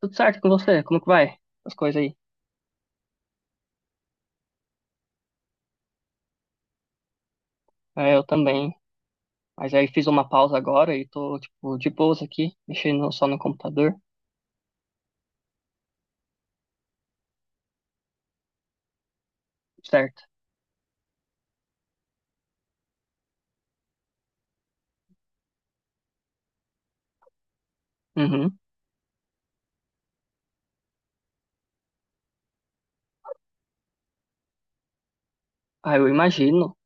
Tudo certo com você? Como que vai? As coisas aí. É, eu também. Mas aí fiz uma pausa agora e tô, tipo, de boas aqui, mexendo só no computador. Certo. Uhum. Ah, eu imagino.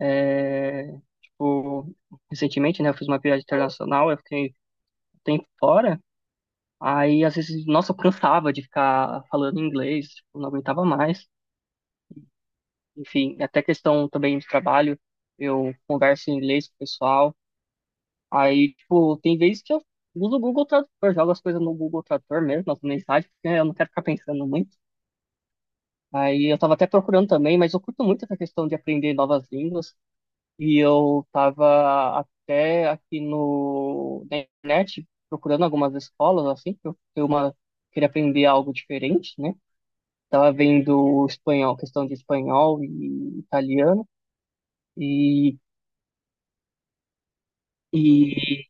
É, tipo, recentemente, né, eu fiz uma viagem internacional, eu fiquei um tempo fora. Aí, às vezes, nossa, eu cansava de ficar falando inglês, tipo, não aguentava mais. Enfim, até questão também de trabalho, eu converso em inglês com o pessoal. Aí, tipo, tem vezes que eu uso o Google Tradutor, jogo as coisas no Google Tradutor mesmo, as mensagens, porque eu não quero ficar pensando muito. Aí eu tava até procurando também, mas eu curto muito essa questão de aprender novas línguas. E eu tava até aqui no na internet procurando algumas escolas, assim, queria aprender algo diferente, né? Tava vendo espanhol, questão de espanhol e italiano. E, e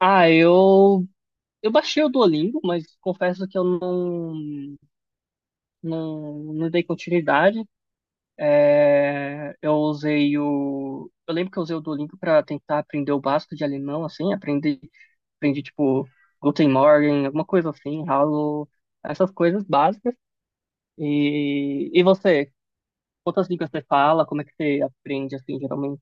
ah, eu, eu baixei o Duolingo, mas confesso que eu não não dei continuidade. É, eu usei o. Eu lembro que eu usei o Duolingo para tentar aprender o básico de alemão, assim, aprendi, aprendi tipo Guten Morgen, alguma coisa assim, Hallo, essas coisas básicas. E você, quantas línguas você fala? Como é que você aprende, assim, geralmente?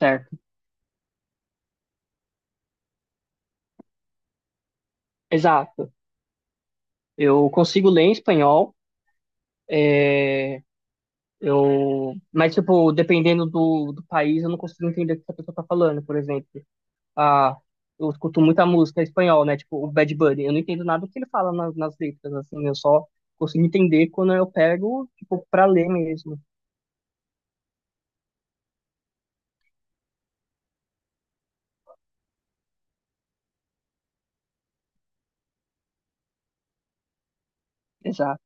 Certo. Exato. Eu consigo ler em espanhol. Eu, mas, tipo, dependendo do país, eu não consigo entender o que a pessoa tá falando, por exemplo. A. Eu escuto muita música em espanhol, né? Tipo, o Bad Bunny. Eu não entendo nada do que ele fala nas, nas letras, assim. Eu só consigo entender quando eu pego, tipo, pra ler mesmo. Exato,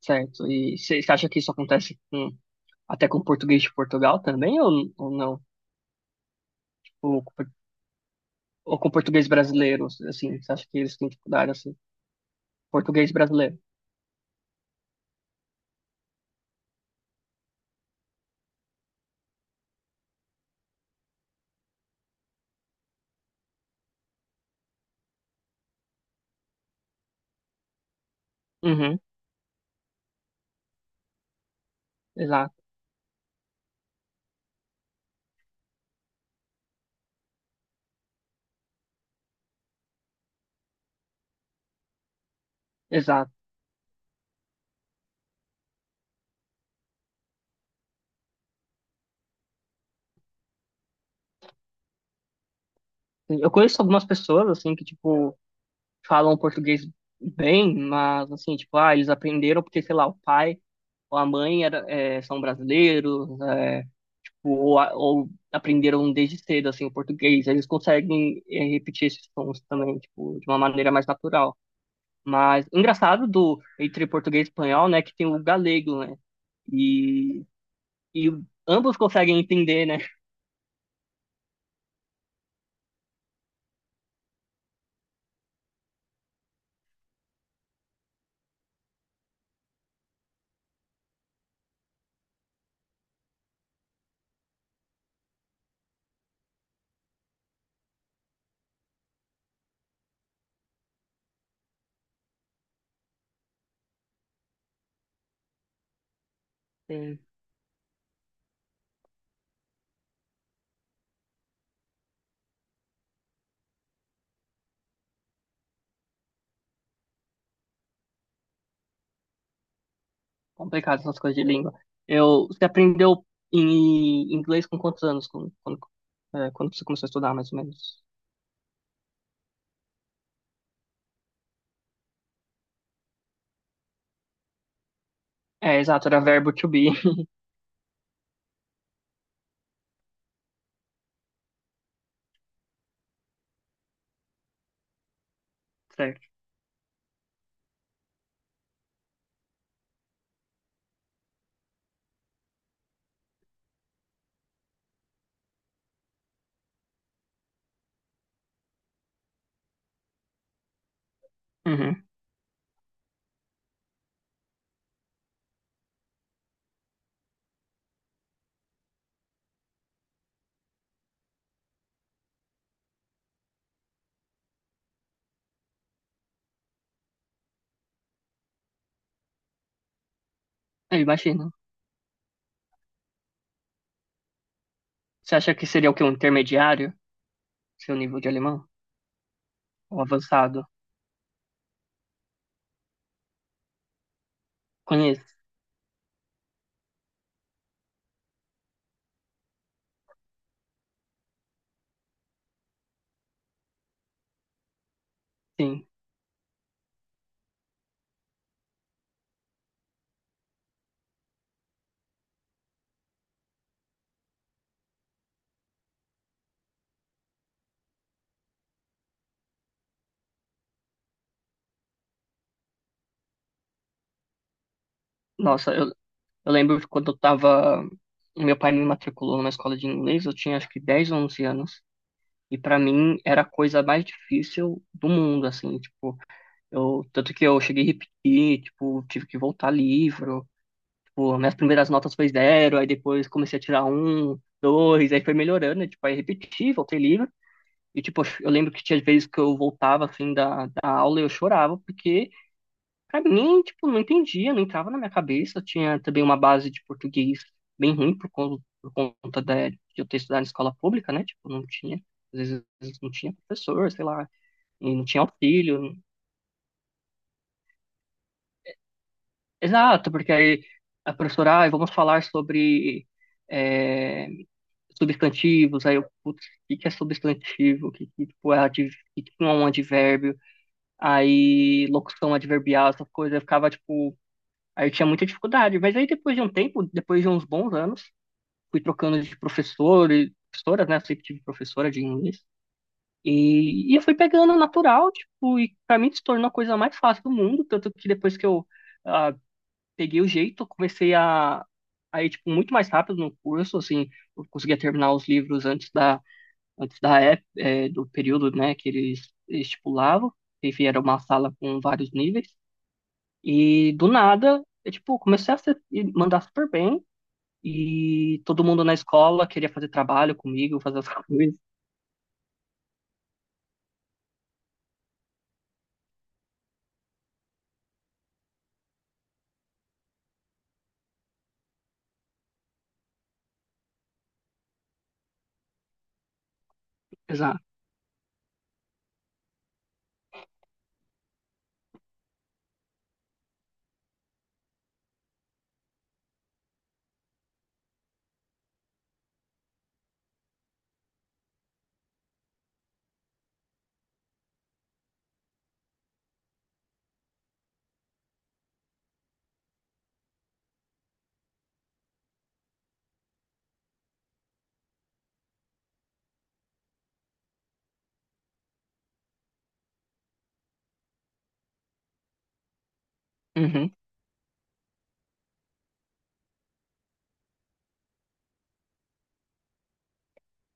certo. E você acha que isso acontece com, até com o português de Portugal também, ou não? Ou, ou com o português brasileiro, assim? Você acha que eles têm dificuldade, assim? Português brasileiro. Uhum, exato, exato. Eu conheço algumas pessoas, assim, que, tipo, falam português bem, mas, assim, tipo, ah, eles aprenderam porque, sei lá, o pai ou a mãe era, é, são brasileiros, é, ou, ou aprenderam desde cedo, assim, o português. Eles conseguem é, repetir esses sons também, tipo, de uma maneira mais natural. Mas, engraçado do, entre português e espanhol, né, que tem o galego, né, e, e ambos conseguem entender, né, é complicado essas coisas de língua. Eu, você aprendeu em inglês com quantos anos, é, quando você começou a estudar, mais ou menos? É, exato, era verbo to be, certo. Uhum. Eu imagino. Você acha que seria o quê? Um intermediário? Seu nível de alemão? Um avançado? Conheço, sim. Nossa, eu lembro que quando eu tava. Meu pai me matriculou numa escola de inglês, eu tinha acho que 10 ou 11 anos. E pra mim era a coisa mais difícil do mundo, assim, tipo, eu, tanto que eu cheguei a repetir, tipo, tive que voltar livro, tipo, minhas primeiras notas foi zero, aí depois comecei a tirar um, dois, aí foi melhorando, né, tipo, aí repeti, voltei livro. E, tipo, eu lembro que tinha vezes que eu voltava, assim, da aula e eu chorava, porque pra mim, tipo, não entendia, não entrava na minha cabeça. Eu tinha também uma base de português bem ruim por conta da, de eu ter estudado em escola pública, né? Tipo, não tinha, às vezes não tinha professor, sei lá, e não tinha auxílio. Exato, porque aí a professora, ah, vamos falar sobre é, substantivos, aí eu, putz, o que que é substantivo? O que que é um advérbio? Aí locução adverbial, essas coisas, eu ficava, tipo, aí eu tinha muita dificuldade. Mas aí depois de um tempo, depois de uns bons anos, fui trocando de professor e professoras, né? Eu sempre tive professora de inglês. E eu fui pegando natural, tipo, e pra mim se tornou a coisa mais fácil do mundo, tanto que depois que eu ah, peguei o jeito, eu comecei a ir, tipo, muito mais rápido no curso, assim, eu conseguia terminar os livros antes da, do período, né, que eles estipulavam, enfim, era uma sala com vários níveis, e do nada, eu, tipo, comecei a mandar super bem. E todo mundo na escola queria fazer trabalho comigo, fazer as coisas. Exato. Uhum.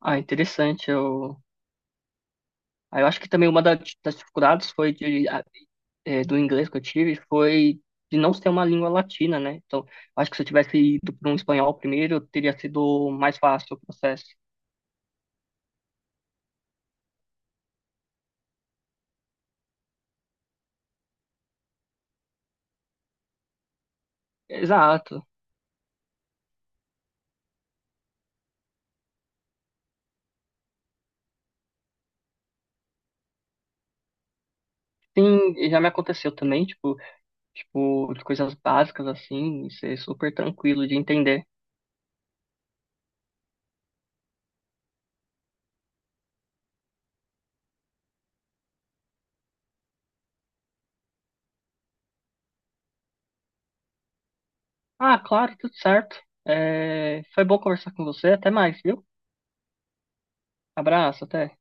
Ah, interessante. Eu acho que também das dificuldades foi de do inglês que eu tive foi de não ser uma língua latina, né? Então, eu acho que se eu tivesse ido para um espanhol primeiro, teria sido mais fácil o processo. Exato. Sim, já me aconteceu também, tipo, de coisas básicas assim, e ser super tranquilo de entender. Ah, claro, tudo certo. É, foi bom conversar com você. Até mais, viu? Abraço, até.